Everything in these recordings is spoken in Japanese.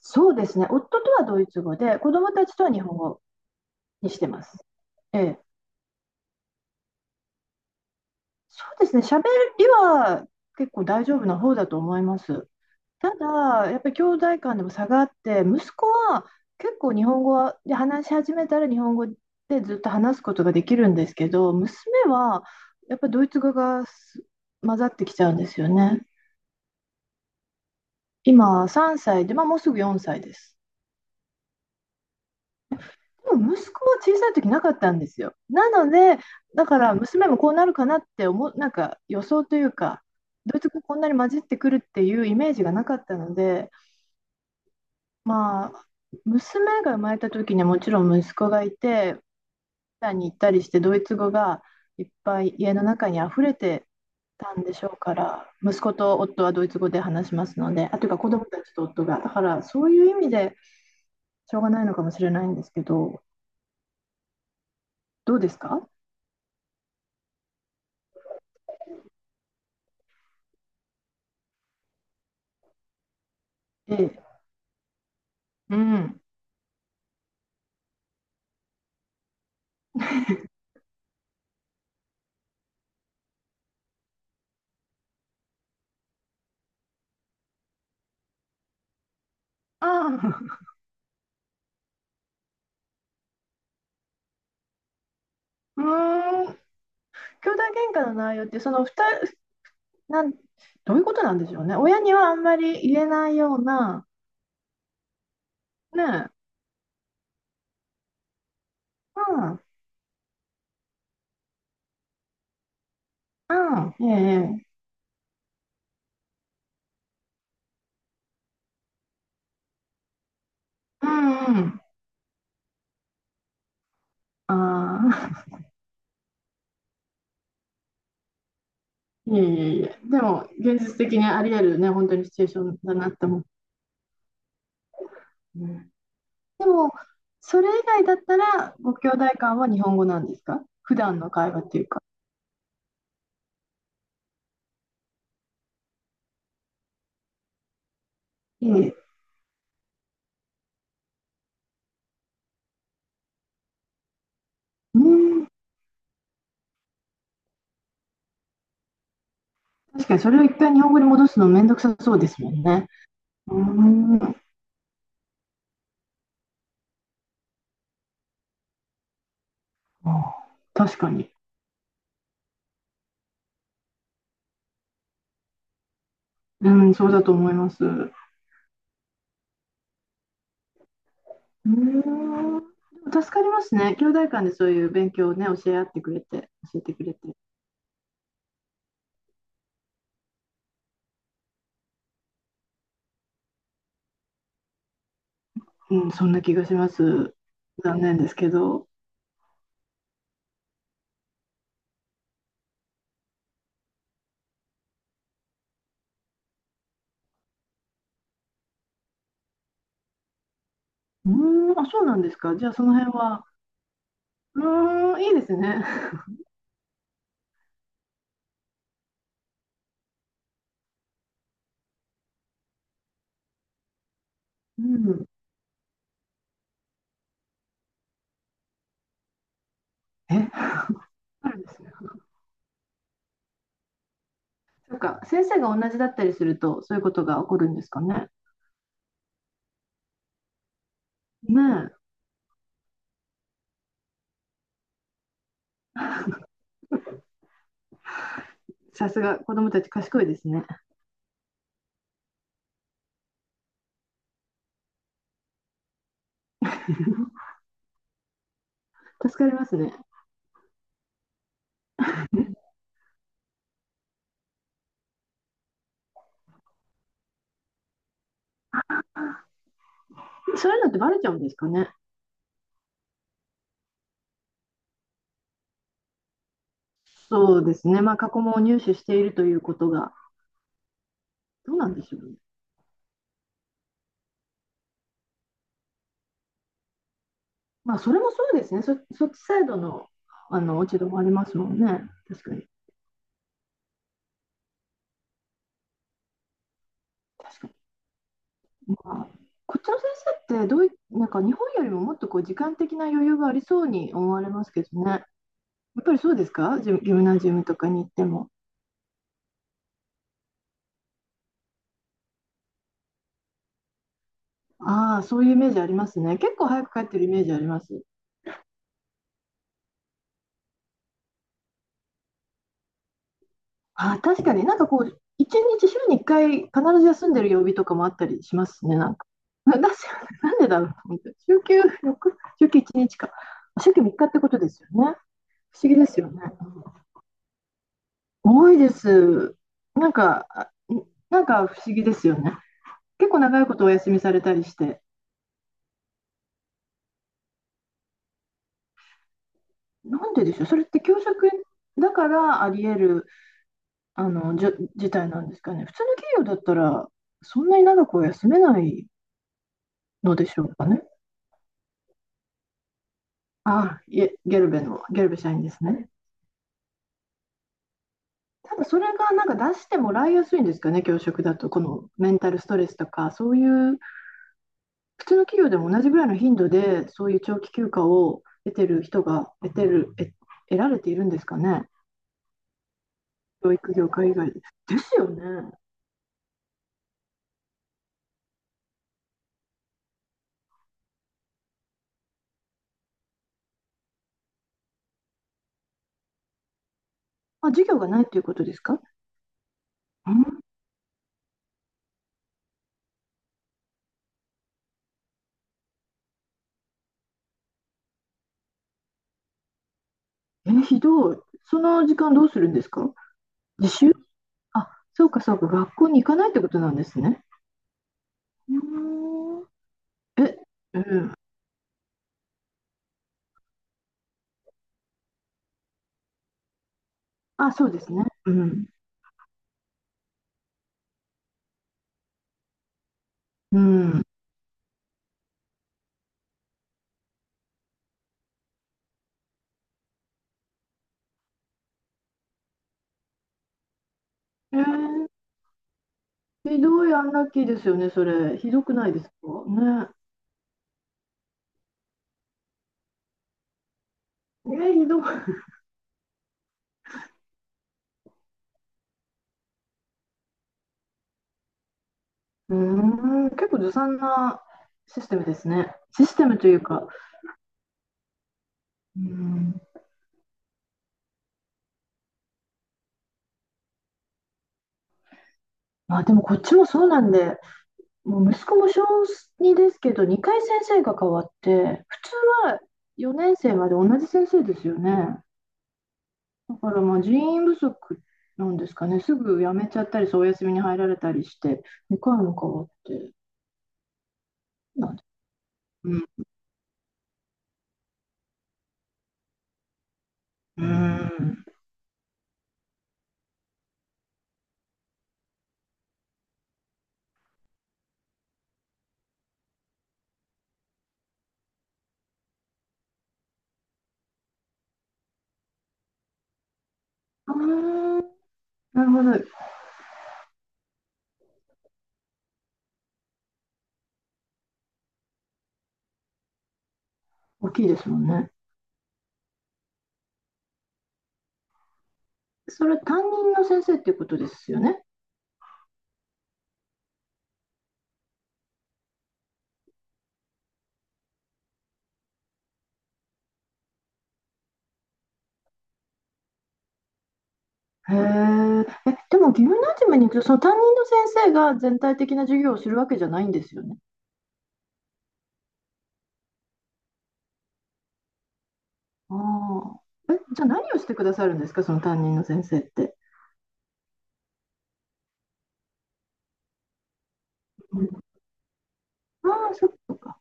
そうですね、夫とはドイツ語で、子供たちとは日本語にしてます。ええ、そうですね、喋りは結構大丈夫な方だと思います。ただ、やっぱり兄弟間でも差があって、息子は結構日本語で話し始めたら日本語でずっと話すことができるんですけど、娘はやっぱりドイツ語が混ざってきちゃうんですよね。今3歳で、まあ、もうすぐ4歳です。でも息子は小さい時なかったんですよ。なので、だから娘もこうなるかなって思う、なんか予想というか、ドイツ語こんなに混じってくるっていうイメージがなかったので、まあ、娘が生まれた時にはもちろん息子がいて、タに行ったりして、ドイツ語がいっぱい家の中に溢れてたんでしょうから、息子と夫はドイツ語で話しますので、あ、というか子供たちと夫が、だからそういう意味でしょうがないのかもしれないんですけど、どうですか？ええ、うん。ああ、うーん、兄弟喧嘩の内容って、その二人、なん、どういうことなんでしょうね。親にはあんまり言えないような、ねえ、うん、うん、ええ、ええうんうん、ああ、いえいえいえ、でも、現実的にあり得るね、本当にシチュエーションだなって思う。うん。でも、それ以外だったら、ご兄弟間は日本語なんですか？普段の会話っていうか。ええ、うん、確かにそれを一回日本語に戻すのめんどくさそうですもんね。うん。あー確かに。うん、そうだと思います。うーん。でも助かりますね。兄弟間でそういう勉強をね、教え合ってくれて、教えてくれて。うん、そんな気がします。残念ですけど。うーん、あ、そうなんですか。じゃあその辺は。うーん、いいですね。うん。え、あるんですね。そうか、先生が同じだったりすると、そういうことが起こるんですかね。ねえ、さすが子供たち賢いですね。助かりますね。そういうのってバレちゃうんですかね。そうですね、まあ、過去問を入手しているということが、どうなんでしょうね。まあ、それもそうですね、そっちサイドのあの落ち度もありますもんね、確かに。確かにまあ、こっちの先生ってどうい、なんか日本よりももっとこう時間的な余裕がありそうに思われますけどね、やっぱりそうですか、ギムナジウムとかに行っても。ああ、そういうイメージありますね。結構早く帰ってるイメージあります。あ、確かになんかこう、一日週に一回必ず休んでる曜日とかもあったりしますね、なんか。な、なんでなんでだろうと思って。週休4日、週休1日か。週休3日ってことですよね。不思議ですよね。多いです。なんか、あ、なんか不思議ですよね。結構長いことお休みされたりして。なんででしょう。それって教職だからあり得る、事態なんですかね。普通の企業だったら、そんなに長くは休めないのでしょうかね。ああ、いえ、ゲルベ社員ですね。ただそれがなんか出してもらいやすいんですかね、教職だと、このメンタルストレスとか、そういう普通の企業でも同じぐらいの頻度で、そういう長期休暇を得てる人が得られているんですかね、教育業界以外で。ですよね。あ、授業がないっていうことですか？うん。え、ひどい。その時間どうするんですか？自習。あ、そうかそうか、学校に行かないってことなんですね。うーん。え、うん。あ、そうですね。うん。うん。えー、ひどいアンラッキーですよね、それ。ひどくないですかね。ひどい。うーん、結構ずさんなシステムですね。システムというか、うーん、まあでもこっちもそうなんで、もう息子も小2ですけど、2回先生が変わって、普通は4年生まで同じ先生ですよね。だからまあ人員不足なんですかね、すぐ辞めちゃったり、そうお休みに入られたりして、2回も変わって、なんで、うん、うーん。ああ、なるほど。大きいですもんね。それ担任の先生っていうことですよね。へえ。え、でもギムナジウムに行くと、その担任の先生が全体的な授業をするわけじゃないんですよね。ああ。え、じゃあ何をしてくださるんですか、その担任の先生って。うん、ああ、そっか。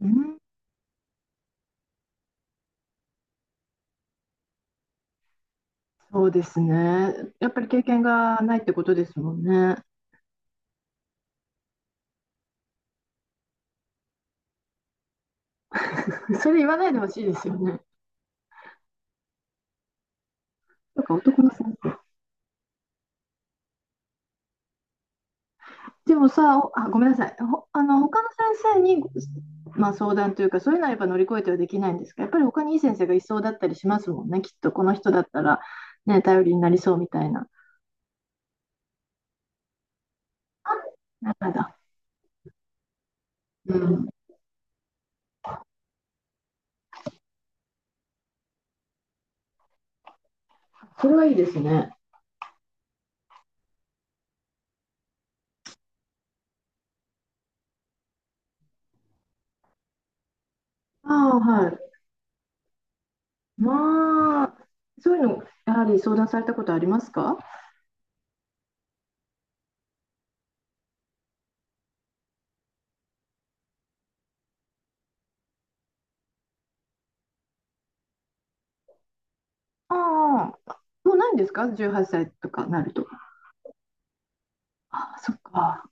うん、そうですね。やっぱり経験がないってことですもんね。それ言わないでほしいですよね。なんか男の先生。でもさ、あ、ごめんなさい。ほ、あの、他の先生に、まあ、相談というか、そういうのはやっぱ乗り越えてはできないんですが、やっぱり他にいい先生がいそうだったりしますもんね。きっとこの人だったら、ね、頼りになりそうみたいな。あ、なるほど。うん。それはいいですね。ああ、はい。まあ、そういうの、やはり相談されたことありますか？ああ、もうないんですか？ 18 歳とかなると。あ、そっか。